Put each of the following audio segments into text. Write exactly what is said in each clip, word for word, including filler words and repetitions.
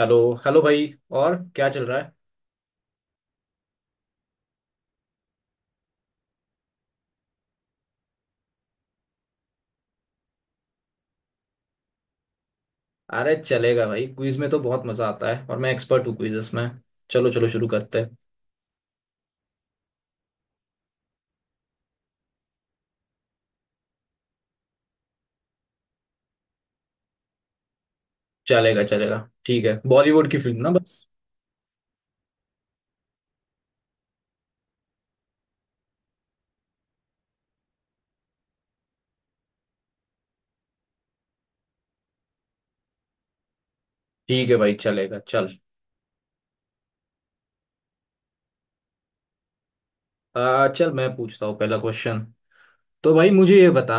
Hello. Hello भाई। और क्या चल रहा है? अरे चलेगा भाई। क्विज में तो बहुत मजा आता है और मैं एक्सपर्ट हूँ क्विजेस में। चलो चलो, शुरू करते हैं। चलेगा चलेगा। ठीक है, बॉलीवुड की फिल्म ना, बस। ठीक है भाई, चलेगा, चल। आ, चल मैं पूछता हूँ पहला क्वेश्चन। तो भाई मुझे ये बता।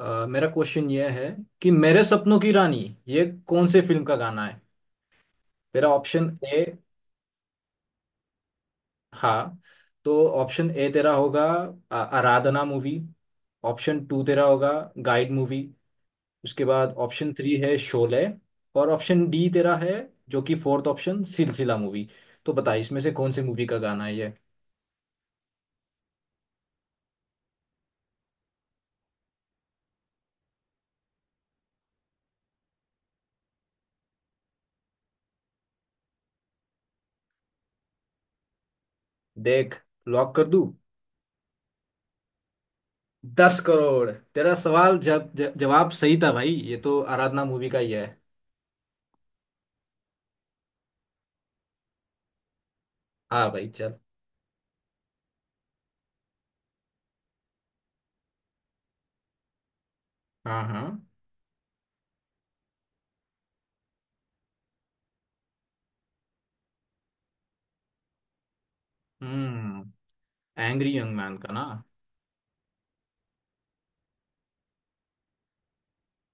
आ, मेरा क्वेश्चन ये है कि मेरे सपनों की रानी ये कौन से फिल्म का गाना है? तेरा ऑप्शन ए। हाँ। तो ऑप्शन ए तेरा होगा आ, आराधना मूवी। ऑप्शन टू तेरा होगा गाइड मूवी। उसके बाद ऑप्शन थ्री है शोले। और ऑप्शन डी तेरा है, जो कि फोर्थ ऑप्शन सिलसिला मूवी। तो बता, इसमें से कौन सी मूवी का गाना है ये? देख। लॉक कर दूं? दस करोड़ तेरा सवाल जब ज- जवाब सही था भाई, ये तो आराधना मूवी का ही है। हाँ भाई, चल। हाँ हाँ। हम्म। एंग्री यंग मैन का ना।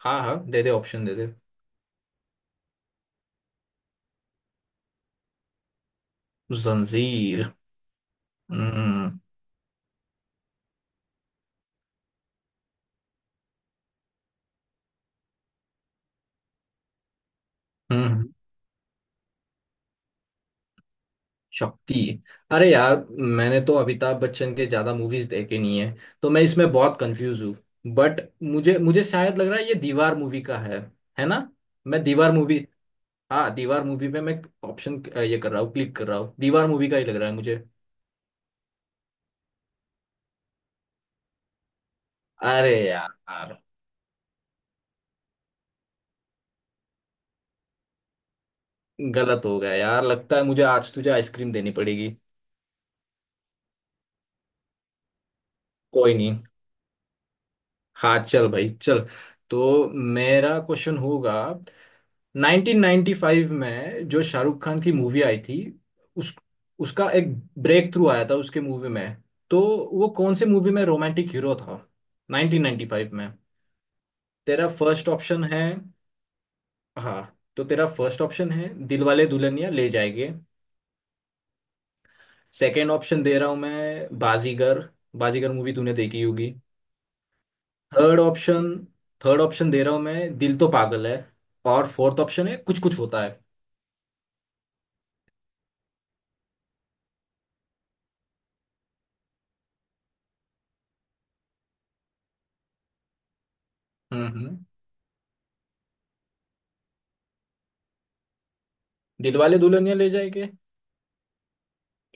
हाँ हाँ, दे दे ऑप्शन दे दे। जंजीर। हम्म। हम्म। शक्ति। अरे यार, मैंने तो अमिताभ बच्चन के ज्यादा मूवीज देखे नहीं है। तो मैं इसमें बहुत कंफ्यूज हूँ। बट मुझे मुझे शायद लग रहा है ये दीवार मूवी का है। है ना? मैं दीवार मूवी। हाँ, दीवार मूवी पे मैं ऑप्शन ये कर रहा हूँ, क्लिक कर रहा हूँ। दीवार मूवी का ही लग रहा है मुझे। अरे यार यार। गलत हो गया यार। लगता है मुझे आज तुझे आइसक्रीम देनी पड़ेगी। कोई नहीं। हाँ चल भाई, चल। तो मेरा क्वेश्चन होगा। नाइनटीन नाइनटी फ़ाइव में जो शाहरुख खान की मूवी आई थी, उस उसका एक ब्रेक थ्रू आया था उसके मूवी में। तो वो कौन से मूवी में रोमांटिक हीरो था नाइनटीन नाइनटी फ़ाइव में? तेरा फर्स्ट ऑप्शन है। हाँ, तो तेरा फर्स्ट ऑप्शन है दिलवाले दुल्हनिया ले जाएंगे। सेकंड ऑप्शन दे रहा हूँ मैं, बाजीगर। बाजीगर मूवी तूने देखी होगी। Third option. थर्ड ऑप्शन दे रहा हूँ मैं, दिल तो पागल है। और फोर्थ ऑप्शन है कुछ कुछ होता है। हम्म। दिलवाले दुल्हनिया ले जाएंगे।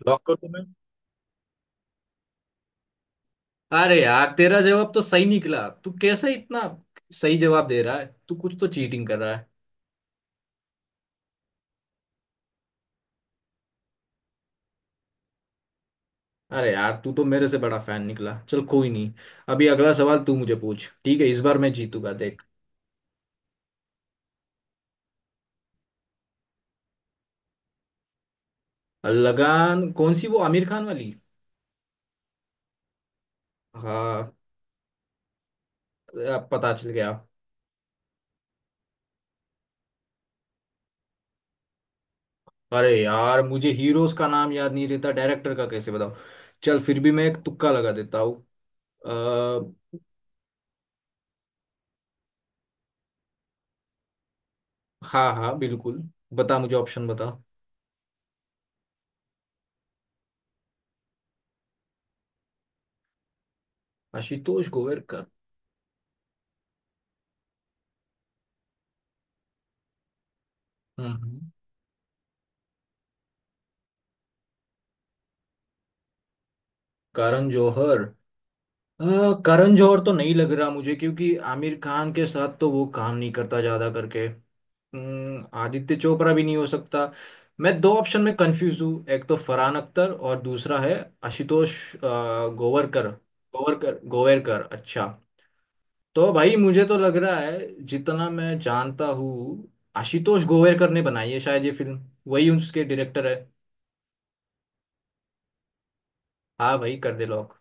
लॉक कर दूं मैं? अरे यार, तेरा जवाब तो सही निकला। तू कैसे इतना सही जवाब दे रहा है? तू कुछ तो चीटिंग कर रहा है। अरे यार, तू तो मेरे से बड़ा फैन निकला। चल, कोई नहीं। अभी अगला सवाल तू मुझे पूछ, ठीक है? इस बार मैं जीतूंगा, देख। लगान? कौन सी, वो आमिर खान वाली? हाँ। अब पता चल गया। अरे यार, मुझे हीरोज का नाम याद नहीं रहता, डायरेक्टर का कैसे बताऊं? चल, फिर भी मैं एक तुक्का लगा देता हूँ। अ, हाँ हाँ, बिल्कुल। बता मुझे, ऑप्शन बता। आशुतोष गोवेरकर। हम्म हम्म। करण जौहर। अ, करण जौहर तो नहीं लग रहा मुझे, क्योंकि आमिर खान के साथ तो वो काम नहीं करता ज्यादा करके। हम्म, आदित्य चोपड़ा भी नहीं हो सकता। मैं दो ऑप्शन में कंफ्यूज हूँ, एक तो फरहान अख्तर और दूसरा है आशुतोष अ, गोवरकर। गोवरकर, गोवेरकर। अच्छा। तो भाई मुझे तो लग रहा है, जितना मैं जानता हूँ आशुतोष गोवेरकर ने बनाई है शायद ये फिल्म। वही उसके डायरेक्टर है। हाँ भाई, कर दे लॉक।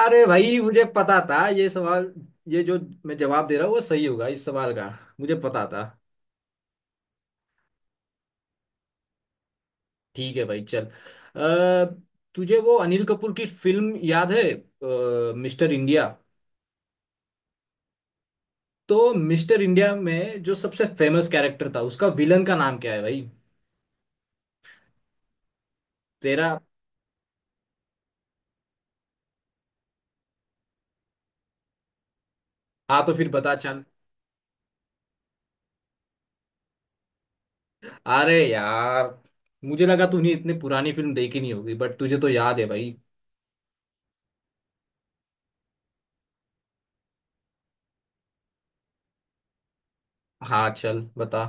अरे भाई, मुझे पता था ये सवाल। ये जो मैं जवाब दे रहा हूँ वो सही होगा इस सवाल का। मुझे पता था। ठीक है भाई, चल। अ, तुझे वो अनिल कपूर की फिल्म याद है, मिस्टर इंडिया? तो मिस्टर इंडिया में जो सबसे फेमस कैरेक्टर था, उसका विलन का नाम क्या है भाई? तेरा। हाँ, तो फिर बता, चल। अरे यार, मुझे लगा तूने इतनी पुरानी फिल्म देखी नहीं होगी, बट तुझे तो याद है भाई। हाँ, चल बता।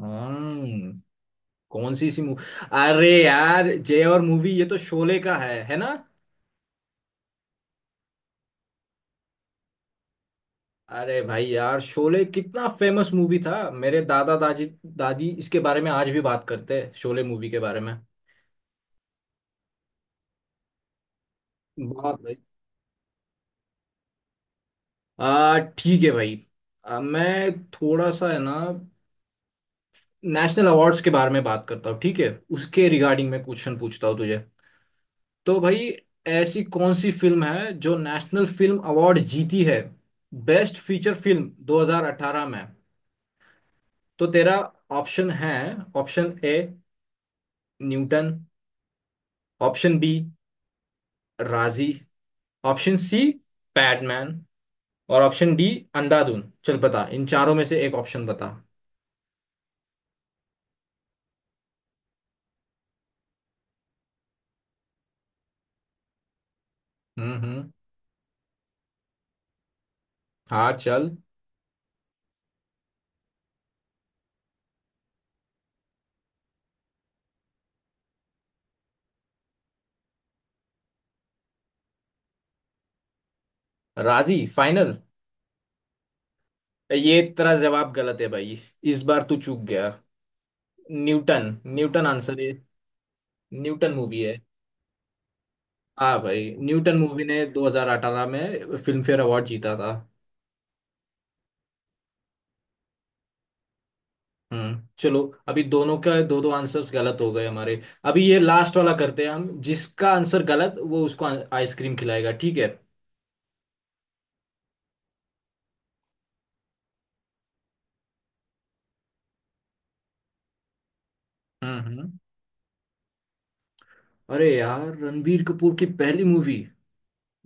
हम्म। कौन सी सी मूवी? अरे यार, जय और मूवी, ये तो शोले का है है ना? अरे भाई यार, शोले कितना फेमस मूवी था, मेरे दादा दादी दादी इसके बारे में आज भी बात करते हैं, शोले मूवी के बारे में। बहुत भाई। आ ठीक है भाई। आ, मैं थोड़ा सा, है ना, नेशनल अवार्ड्स के बारे में बात करता हूँ, ठीक है? उसके रिगार्डिंग मैं क्वेश्चन पूछता हूँ तुझे। तो भाई, ऐसी कौन सी फिल्म है जो नेशनल फिल्म अवार्ड जीती है, बेस्ट फीचर फिल्म दो हज़ार अठारह में? तो तेरा ऑप्शन है। Option A, Newton. Option B, Raazi. Option C, Padman. और ऑप्शन डी, अंधाधुन। चल बता, इन चारों में से एक ऑप्शन बता। हम्म हम्म। हाँ, चल। राजी फाइनल? ये तेरा जवाब गलत है भाई। इस बार तू चूक गया। न्यूटन। न्यूटन आंसर है। न्यूटन मूवी है। हाँ भाई, न्यूटन मूवी ने दो हज़ार अठारह में फिल्म फेयर अवार्ड जीता था। हम्म। चलो। अभी दोनों का दो दो आंसर्स गलत हो गए हमारे। अभी ये लास्ट वाला करते हैं हम, जिसका आंसर गलत वो उसको आ- आइसक्रीम खिलाएगा, ठीक है? हम्म हम्म। अरे यार, रणबीर कपूर की पहली मूवी।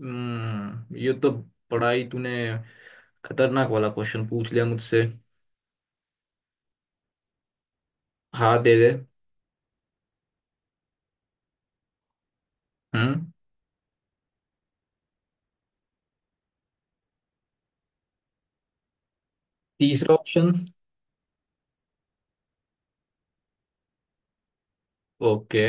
हम्म ये तो बड़ा ही तूने खतरनाक वाला क्वेश्चन पूछ लिया मुझसे। हाँ, दे दे। हम्म। तीसरा ऑप्शन? ओके।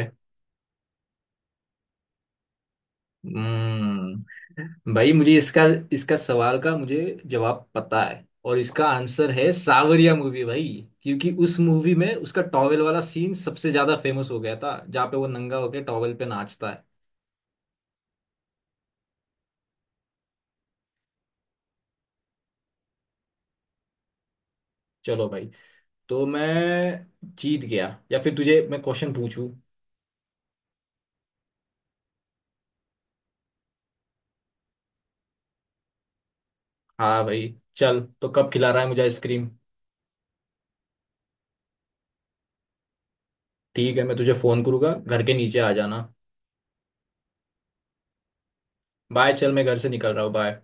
हम्म भाई, मुझे इसका इसका सवाल का मुझे जवाब पता है, और इसका आंसर है सावरिया मूवी भाई। क्योंकि उस मूवी में उसका टॉवेल वाला सीन सबसे ज्यादा फेमस हो गया था, जहाँ पे वो नंगा होके टॉवेल पे नाचता है। चलो भाई। तो मैं जीत गया, या फिर तुझे मैं क्वेश्चन पूछूं? हाँ भाई चल, तो कब खिला रहा है मुझे आइसक्रीम? ठीक है, मैं तुझे फोन करूंगा, घर के नीचे आ जाना। बाय, चल मैं घर से निकल रहा हूँ, बाय।